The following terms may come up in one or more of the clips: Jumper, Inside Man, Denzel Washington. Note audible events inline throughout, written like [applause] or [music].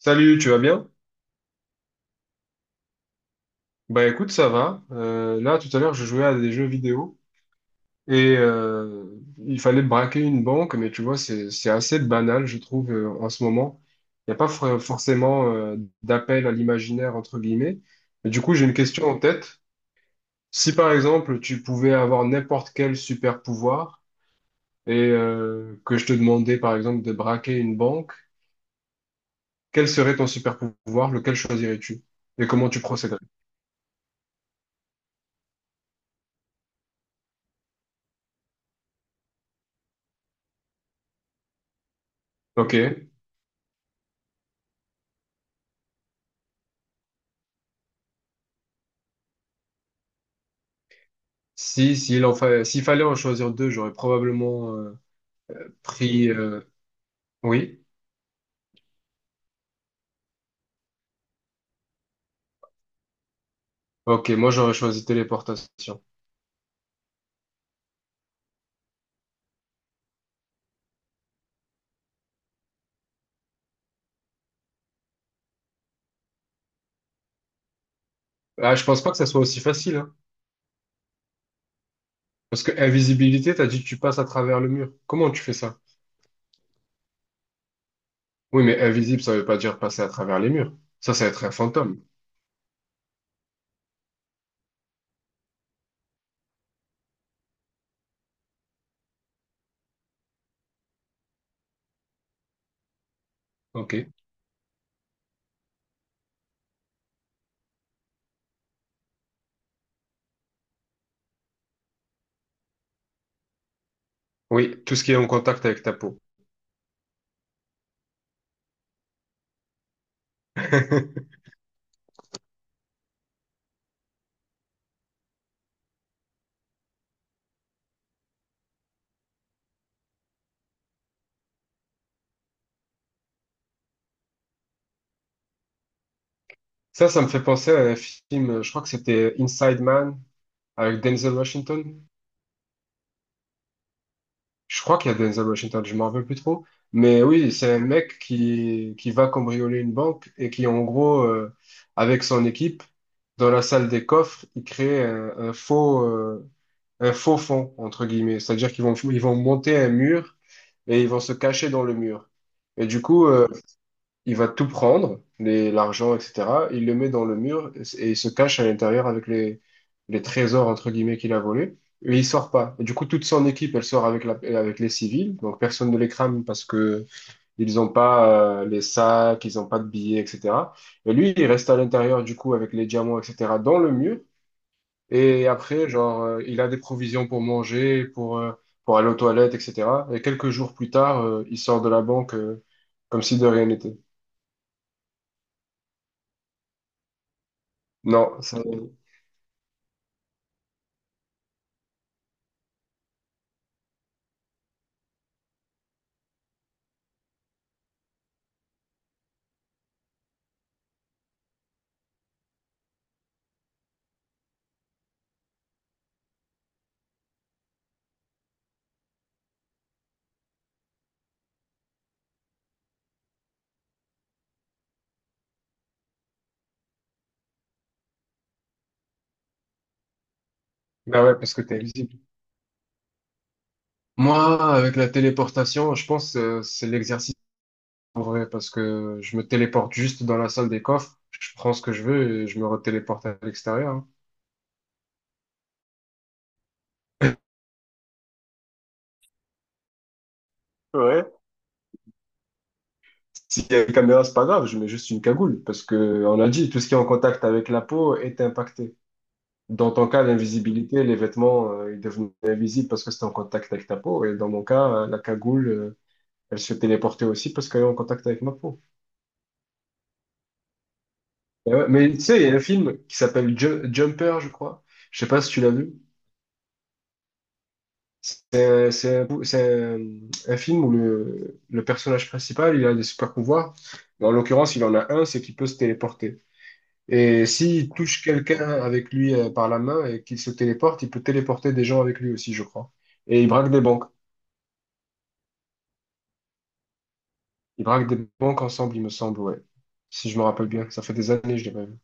Salut, tu vas bien? Bah écoute, ça va. Là, tout à l'heure, je jouais à des jeux vidéo et il fallait braquer une banque, mais tu vois, c'est assez banal, je trouve, en ce moment. Il n'y a pas forcément d'appel à l'imaginaire, entre guillemets. Mais du coup, j'ai une question en tête. Si par exemple, tu pouvais avoir n'importe quel super pouvoir et que je te demandais, par exemple, de braquer une banque, quel serait ton super pouvoir? Lequel choisirais-tu? Et comment tu procéderais? Ok. Si, s'il fallait en choisir deux, j'aurais probablement pris. Oui. Ok, moi j'aurais choisi téléportation. Ah, je pense pas que ça soit aussi facile, hein. Parce que invisibilité, t'as dit que tu passes à travers le mur. Comment tu fais ça? Oui, mais invisible, ça veut pas dire passer à travers les murs. Ça va être un fantôme. Ok. Oui, tout ce qui est en contact avec ta peau. [laughs] Ça me fait penser à un film, je crois que c'était Inside Man avec Denzel Washington. Je crois qu'il y a Denzel Washington, je m'en rappelle plus trop. Mais oui, c'est un mec qui va cambrioler une banque et qui, en gros, avec son équipe, dans la salle des coffres, il crée un faux fond, entre guillemets. C'est-à-dire qu'ils vont, ils vont monter un mur et ils vont se cacher dans le mur. Et du coup, il va tout prendre, l'argent, etc. Il le met dans le mur et il se cache à l'intérieur avec les trésors, entre guillemets, qu'il a volés. Et il sort pas. Et du coup, toute son équipe, elle sort avec la, avec les civils. Donc, personne ne les crame parce que ils n'ont pas les sacs, ils n'ont pas de billets, etc. Et lui, il reste à l'intérieur, du coup, avec les diamants, etc., dans le mur. Et après, genre, il a des provisions pour manger, pour aller aux toilettes, etc. Et quelques jours plus tard, il sort de la banque comme si de rien n'était. Non, ça, bah ouais, parce que t'es visible. Moi, avec la téléportation, je pense que c'est l'exercice en vrai, parce que je me téléporte juste dans la salle des coffres, je prends ce que je veux et je me retéléporte à l'extérieur. Hein. Ouais. S'il y a une caméra, c'est pas grave, je mets juste une cagoule, parce que on a dit, tout ce qui est en contact avec la peau est impacté. Dans ton cas, l'invisibilité, les vêtements, ils devenaient invisibles parce que c'était en contact avec ta peau, et dans mon cas, la cagoule, elle se téléportait aussi parce qu'elle est en contact avec ma peau. Mais ouais, mais tu sais, il y a un film qui s'appelle Jumper, je crois. Je sais pas si tu l'as vu. C'est un, un film où le personnage principal, il a des super pouvoirs. Mais en l'occurrence, il en a un, c'est qu'il peut se téléporter. Et s'il touche quelqu'un avec lui par la main et qu'il se téléporte, il peut téléporter des gens avec lui aussi, je crois. Et il braque des banques. Il braque des banques ensemble, il me semble, ouais. Si je me rappelle bien. Ça fait des années, je l'ai pas vu.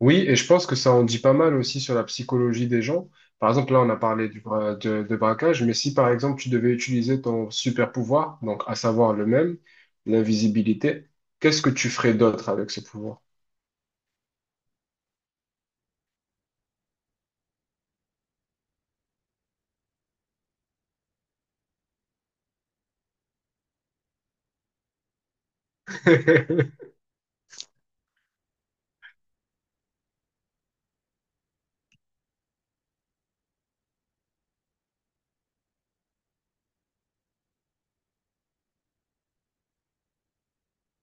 Oui, et je pense que ça en dit pas mal aussi sur la psychologie des gens. Par exemple, là, on a parlé de braquage, mais si par exemple tu devais utiliser ton super pouvoir, donc à savoir le même, l'invisibilité, qu'est-ce que tu ferais d'autre avec ce pouvoir? [laughs]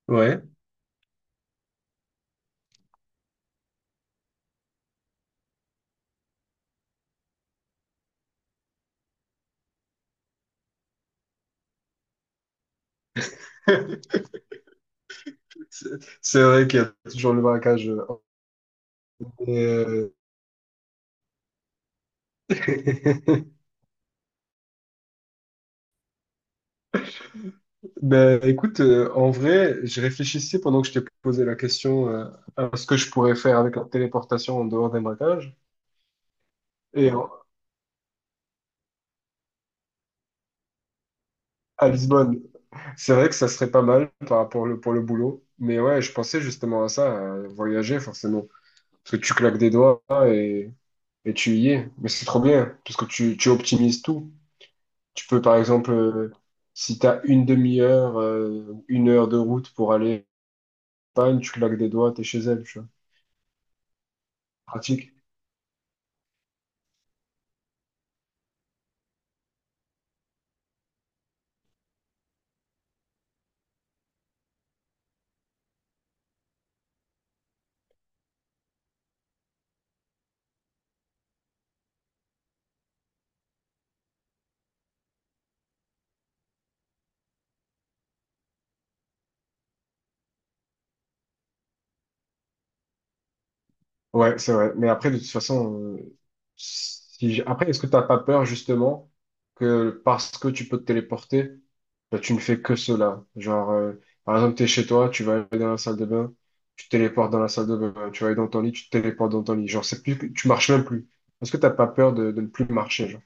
Ouais, [laughs] c'est c'est vrai qu'il y a toujours le braquage. [laughs] Ben, écoute, en vrai, je réfléchissais pendant que je t'ai posé la question à ce que je pourrais faire avec la téléportation en dehors des braquages. Et en- à Lisbonne, c'est vrai que ça serait pas mal par rapport le, pour le boulot. Mais ouais, je pensais justement à ça, à voyager forcément. Parce que tu claques des doigts et, et tu y es. Mais c'est trop bien, parce que tu optimises tout. Tu peux par exemple, si tu as une demi-heure, une heure de route pour aller en Espagne, tu claques des doigts, t'es chez elle, tu vois. Pratique. Ouais, c'est vrai. Mais après, de toute façon, si, après, est-ce que t'as pas peur justement que parce que tu peux te téléporter, là, tu ne fais que cela. Genre, par exemple, tu es chez toi, tu vas aller dans la salle de bain, tu te téléportes dans la salle de bain, tu vas aller dans ton lit, tu te téléportes dans ton lit. Genre, c'est plus, tu marches même plus. Est-ce que t'as pas peur de ne plus marcher, genre?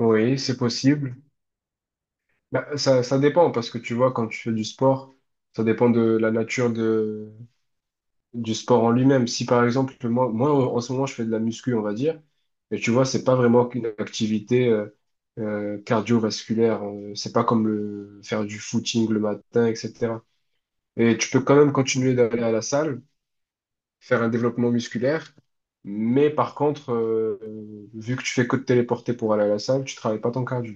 Oui, c'est possible. Bah, ça dépend, parce que tu vois, quand tu fais du sport, ça dépend de la nature de, du sport en lui-même. Si par exemple, moi, moi, en ce moment, je fais de la muscu, on va dire, mais tu vois, c'est pas vraiment qu'une activité cardiovasculaire. C'est pas comme le, faire du footing le matin, etc. Et tu peux quand même continuer d'aller à la salle, faire un développement musculaire, mais par contre, vu que tu fais que te téléporter pour aller à la salle, tu travailles pas ton cardio.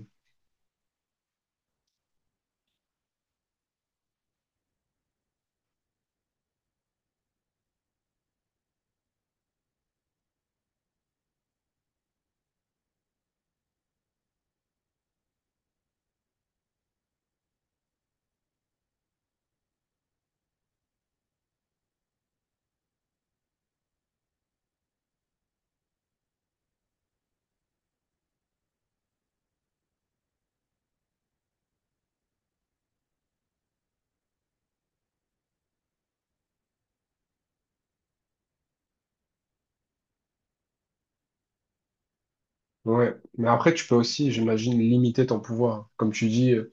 Ouais. Mais après, tu peux aussi, j'imagine, limiter ton pouvoir. Comme tu dis,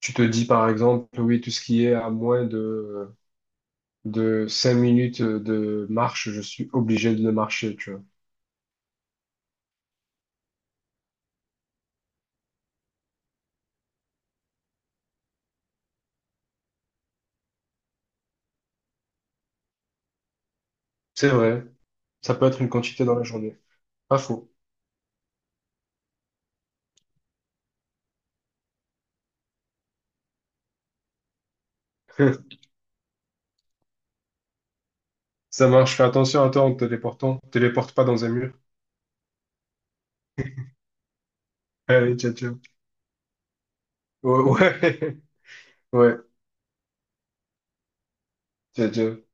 tu te dis par exemple, oui, tout ce qui est à moins de 5 minutes de marche, je suis obligé de le marcher, tu vois. C'est vrai, ça peut être une quantité dans la journée. Pas faux. [laughs] Ça marche, fais attention à toi en te téléportant. Téléporte pas dans un mur. Allez, ciao, ciao. Ouais. [laughs] Ouais. Tchau, tchau.